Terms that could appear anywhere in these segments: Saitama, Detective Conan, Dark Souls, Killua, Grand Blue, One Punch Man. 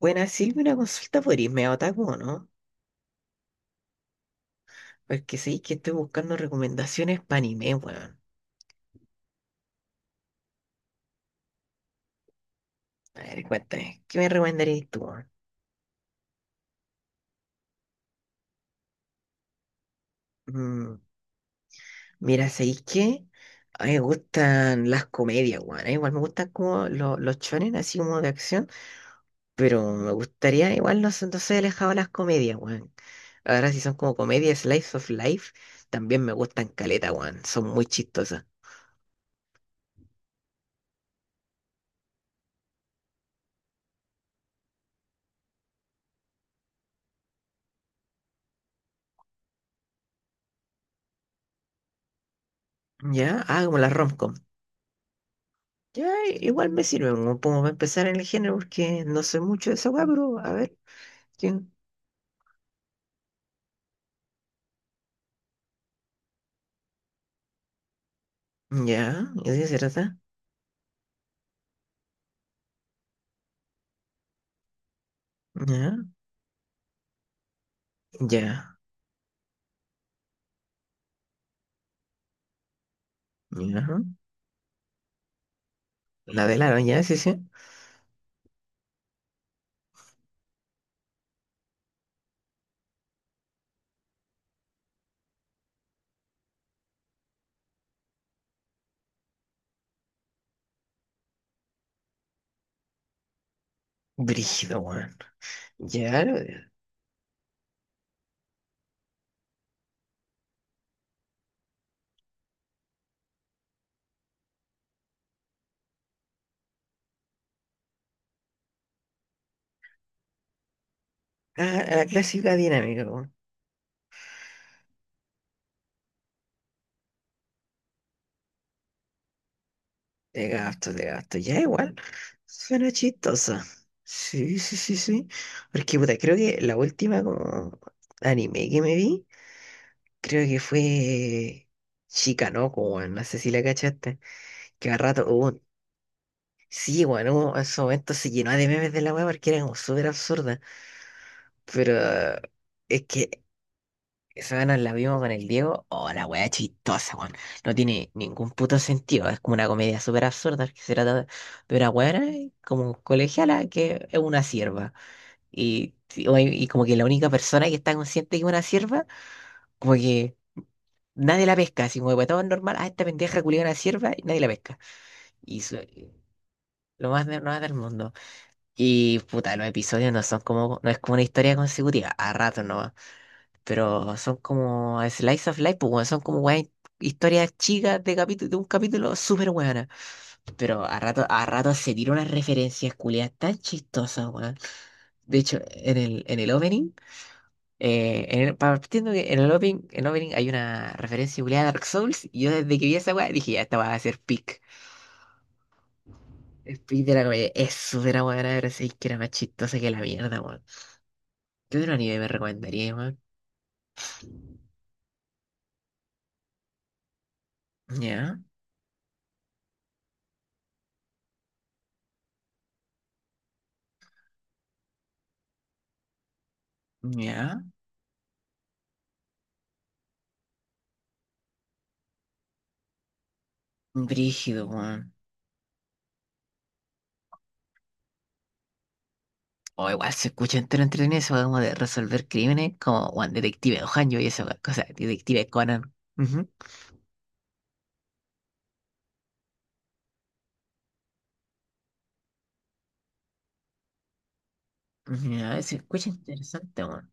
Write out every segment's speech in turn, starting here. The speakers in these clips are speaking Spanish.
Bueno, Silvia, una consulta, ¿por irme otaku, o no? Porque sí que estoy buscando recomendaciones para anime, weón. A ver, cuéntame, ¿qué me recomendarías tú, weón? Mm, mira, ¿sabéis qué? A mí me gustan las comedias, weón. Igual me gustan como los chones, así como de acción. Pero me gustaría, igual no, sé, no soy alejado de las comedias, weón. Ahora si son como comedias Slice of Life, también me gustan caleta, weón. Son muy chistosas. ¿Ya? Ah, como las rom. Ya, igual me sirve como para empezar en el género porque no sé mucho de esa weá, pero a ver, ¿quién? Ya, ¿y de qué se trata? Ya, ya, ya. La velaron, ya, sí, sí. Brígido, weón. Ya, la clásica dinámica, weón. De gasto, ya igual. Suena chistosa. Sí, sí, sí, sí. Porque, puta, creo que la última como anime que me vi, creo que fue Chica, ¿no? Como, no sé si la cachaste. Que a rato hubo. Sí, bueno, uno en su momento se llenó de memes de la weá porque era como súper absurda. Pero es que esa vez nos la vimos con el Diego. Oh, la weá chistosa, weón. No tiene ningún puto sentido. Es como una comedia súper absurda que se trata de una weá como colegiala que es una sierva. Y como que la única persona que está consciente que es una sierva, como que nadie la pesca. Así como que para todos es normal. Ah, esta pendeja culiada una sierva y nadie la pesca. Y lo más, lo más del mundo. Y puta, los episodios no son como, no es como una historia consecutiva, a ratos nomás, pero son como slice of life, pues weón, son como weón, historias chicas de capítulo, de un capítulo súper buena. Pero a rato se tira unas referencias culiadas tan chistosas, weón. De hecho, en el opening, en partiendo que en el opening hay una referencia culiada a Dark Souls, y yo desde que vi esa weá dije, ya esta va a ser pick. El pick de la comedia es súper buena, pero sí que era más chistosa que la mierda, weón. ¿Qué otro anime me recomendaría, weón? Ya, ya. Brígido, weón. O igual se escucha entero entretenido eso como de resolver crímenes, como weón, Detective Ohanyo y esa weá, cosa, Detective Conan. Ujú. Ya, se escucha interesante, weón.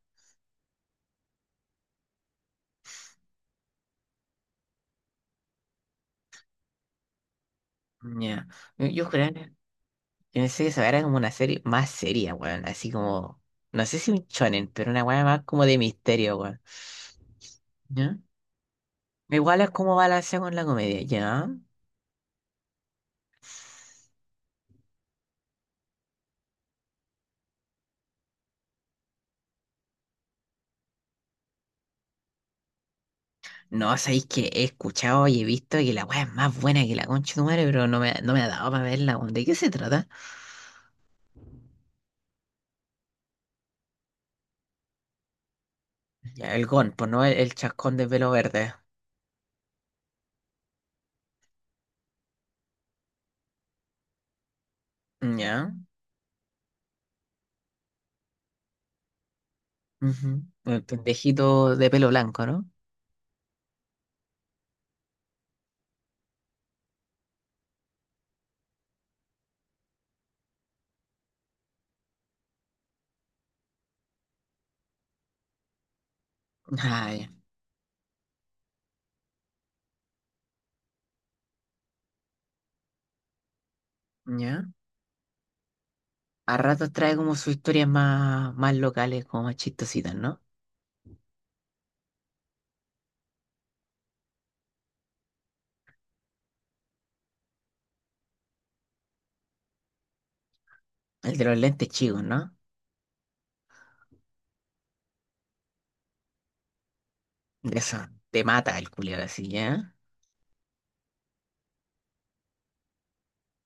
Ya. Yo juraba que pensé que esa weá era como una serie más seria, weón. Así como, no sé si un shonen, pero una weá más como de misterio, weón. Ya. Igual es como balancear con la comedia, ya. No, sabéis que he escuchado y he visto que la weá es más buena que la concha de tu madre, pero no me ha dado para verla, weón. ¿De qué se trata? Ya, el gon, pues no el, el chascón de pelo verde. Ya. Ujú. El pendejito de pelo blanco, ¿no? Ah, ya. Ya. A ratos trae como sus historias más, más locales, como más chistositas, ¿no? El de los lentes chicos, ¿no? De eso. Te mata el culiao así, ¿ya?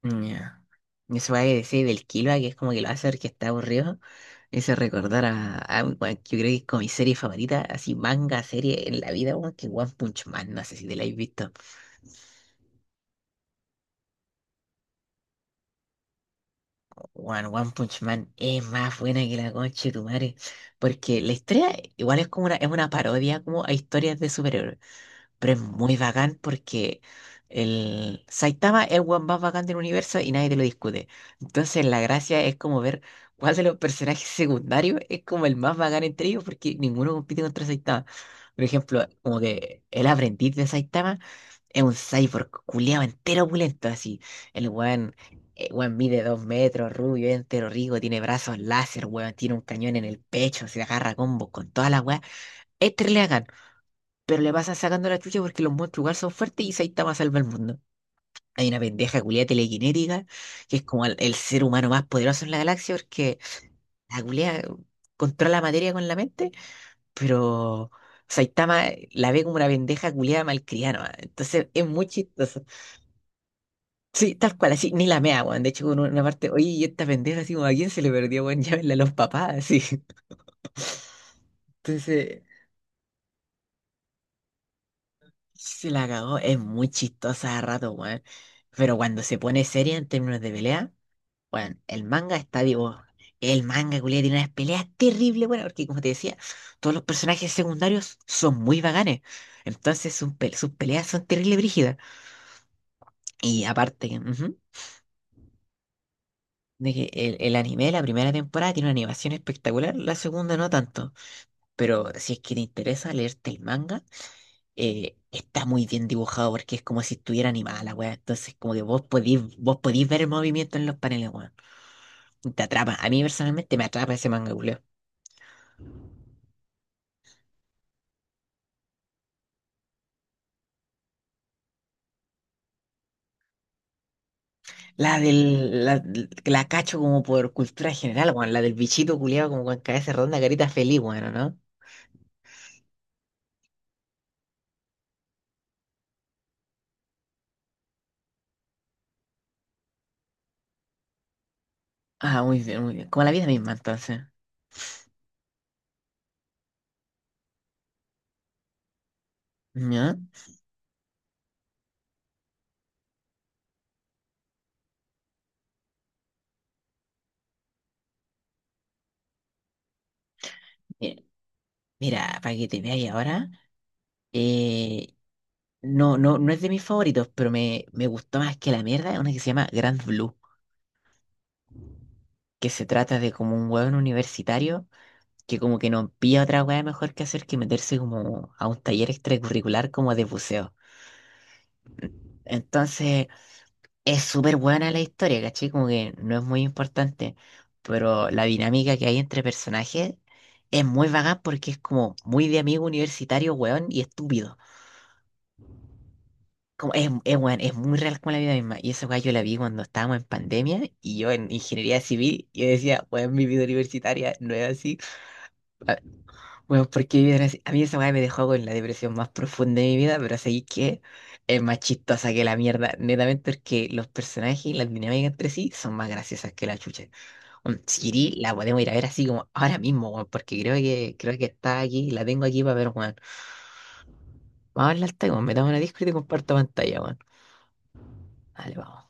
Ya. Eso va a decir del Killua, que es como que lo hace ver que está aburrido. Ese recordar a bueno, yo creo que es como mi serie favorita, así manga, serie en la vida, weón, que One Punch Man, no sé si te la habéis visto. One Punch Man es más buena que la concha de tu madre, porque la historia igual es como una, es una parodia como a historias de superhéroes. Pero es muy bacán porque el Saitama es el weón más bacán del universo y nadie te lo discute. Entonces la gracia es como ver cuál de los personajes secundarios es como el más bacán entre ellos porque ninguno compite contra Saitama. Por ejemplo, como que el aprendiz de Saitama es un cyborg culiado entero opulento así. El weón, el weón mide 2 metros, rubio, es entero rico, tiene brazos láser, weón, tiene un cañón en el pecho, se agarra a combos con toda la weá. Este le hagan pero le pasa sacando la chucha porque los monstruos igual son fuertes y Saitama salva el mundo. Hay una pendeja culia telequinética que es como el ser humano más poderoso en la galaxia porque la culia controla la materia con la mente, pero Saitama la ve como una pendeja culia malcriada nomás. Entonces es muy chistoso. Sí, tal cual, así, ni la mea, weón. De hecho, en una parte, oye, ¿y esta pendeja así como a quién se le perdió, weón? Llámenle a los papás, así. Entonces, se la cagó. Es muy chistosa a rato, weón. Pero cuando se pone seria en términos de pelea. Bueno, el manga está vivo. El manga, culiao, tiene unas peleas terribles, bueno, porque como te decía, todos los personajes secundarios son muy vaganes. Entonces sus, sus peleas son terribles brígidas. Y aparte, que, ujú, de que el anime, la primera temporada, tiene una animación espectacular, la segunda no tanto. Pero si es que te interesa leerte el manga, está muy bien dibujado porque es como si estuviera animada la weá. Entonces, como que vos podís ver el movimiento en los paneles, weón. Te atrapa. A mí personalmente me atrapa ese manga, culiao. La del, la, la cacho como por cultura general, weón. La del bichito culiado como con cabeza redonda, carita feliz, bueno, ¿no? Ah, muy bien, muy bien. Como la vida misma, entonces. ¿Ya? Mi- Mira, para que te veáis ahora, eh, no, no es de mis favoritos, pero me gustó más que la mierda, una que se llama Grand Blue, que se trata de como un hueón universitario que como que no pilla otra hueá mejor que hacer que meterse como a un taller extracurricular como de buceo. Entonces, es súper buena la historia, ¿cachai? Como que no es muy importante, pero la dinámica que hay entre personajes es muy vaga porque es como muy de amigo universitario, weón, y estúpido. Como es, weón, es muy real con la vida misma. Y esa weá yo la vi cuando estábamos en pandemia y yo en ingeniería civil, yo decía, weón, mi vida universitaria no es así. Bueno, porque vivir así- a mí esa weá me dejó con la depresión más profunda de mi vida, pero así que es más chistosa que la mierda, netamente porque los personajes y las dinámicas entre sí son más graciosas que la chucha. Un Siri la podemos ir a ver así como ahora mismo, weón, porque creo que está aquí, la tengo aquí para ver, weón. Vamos a hablar, weón, metamos una Discord y te comparto pantalla, weón. Dale, vamos.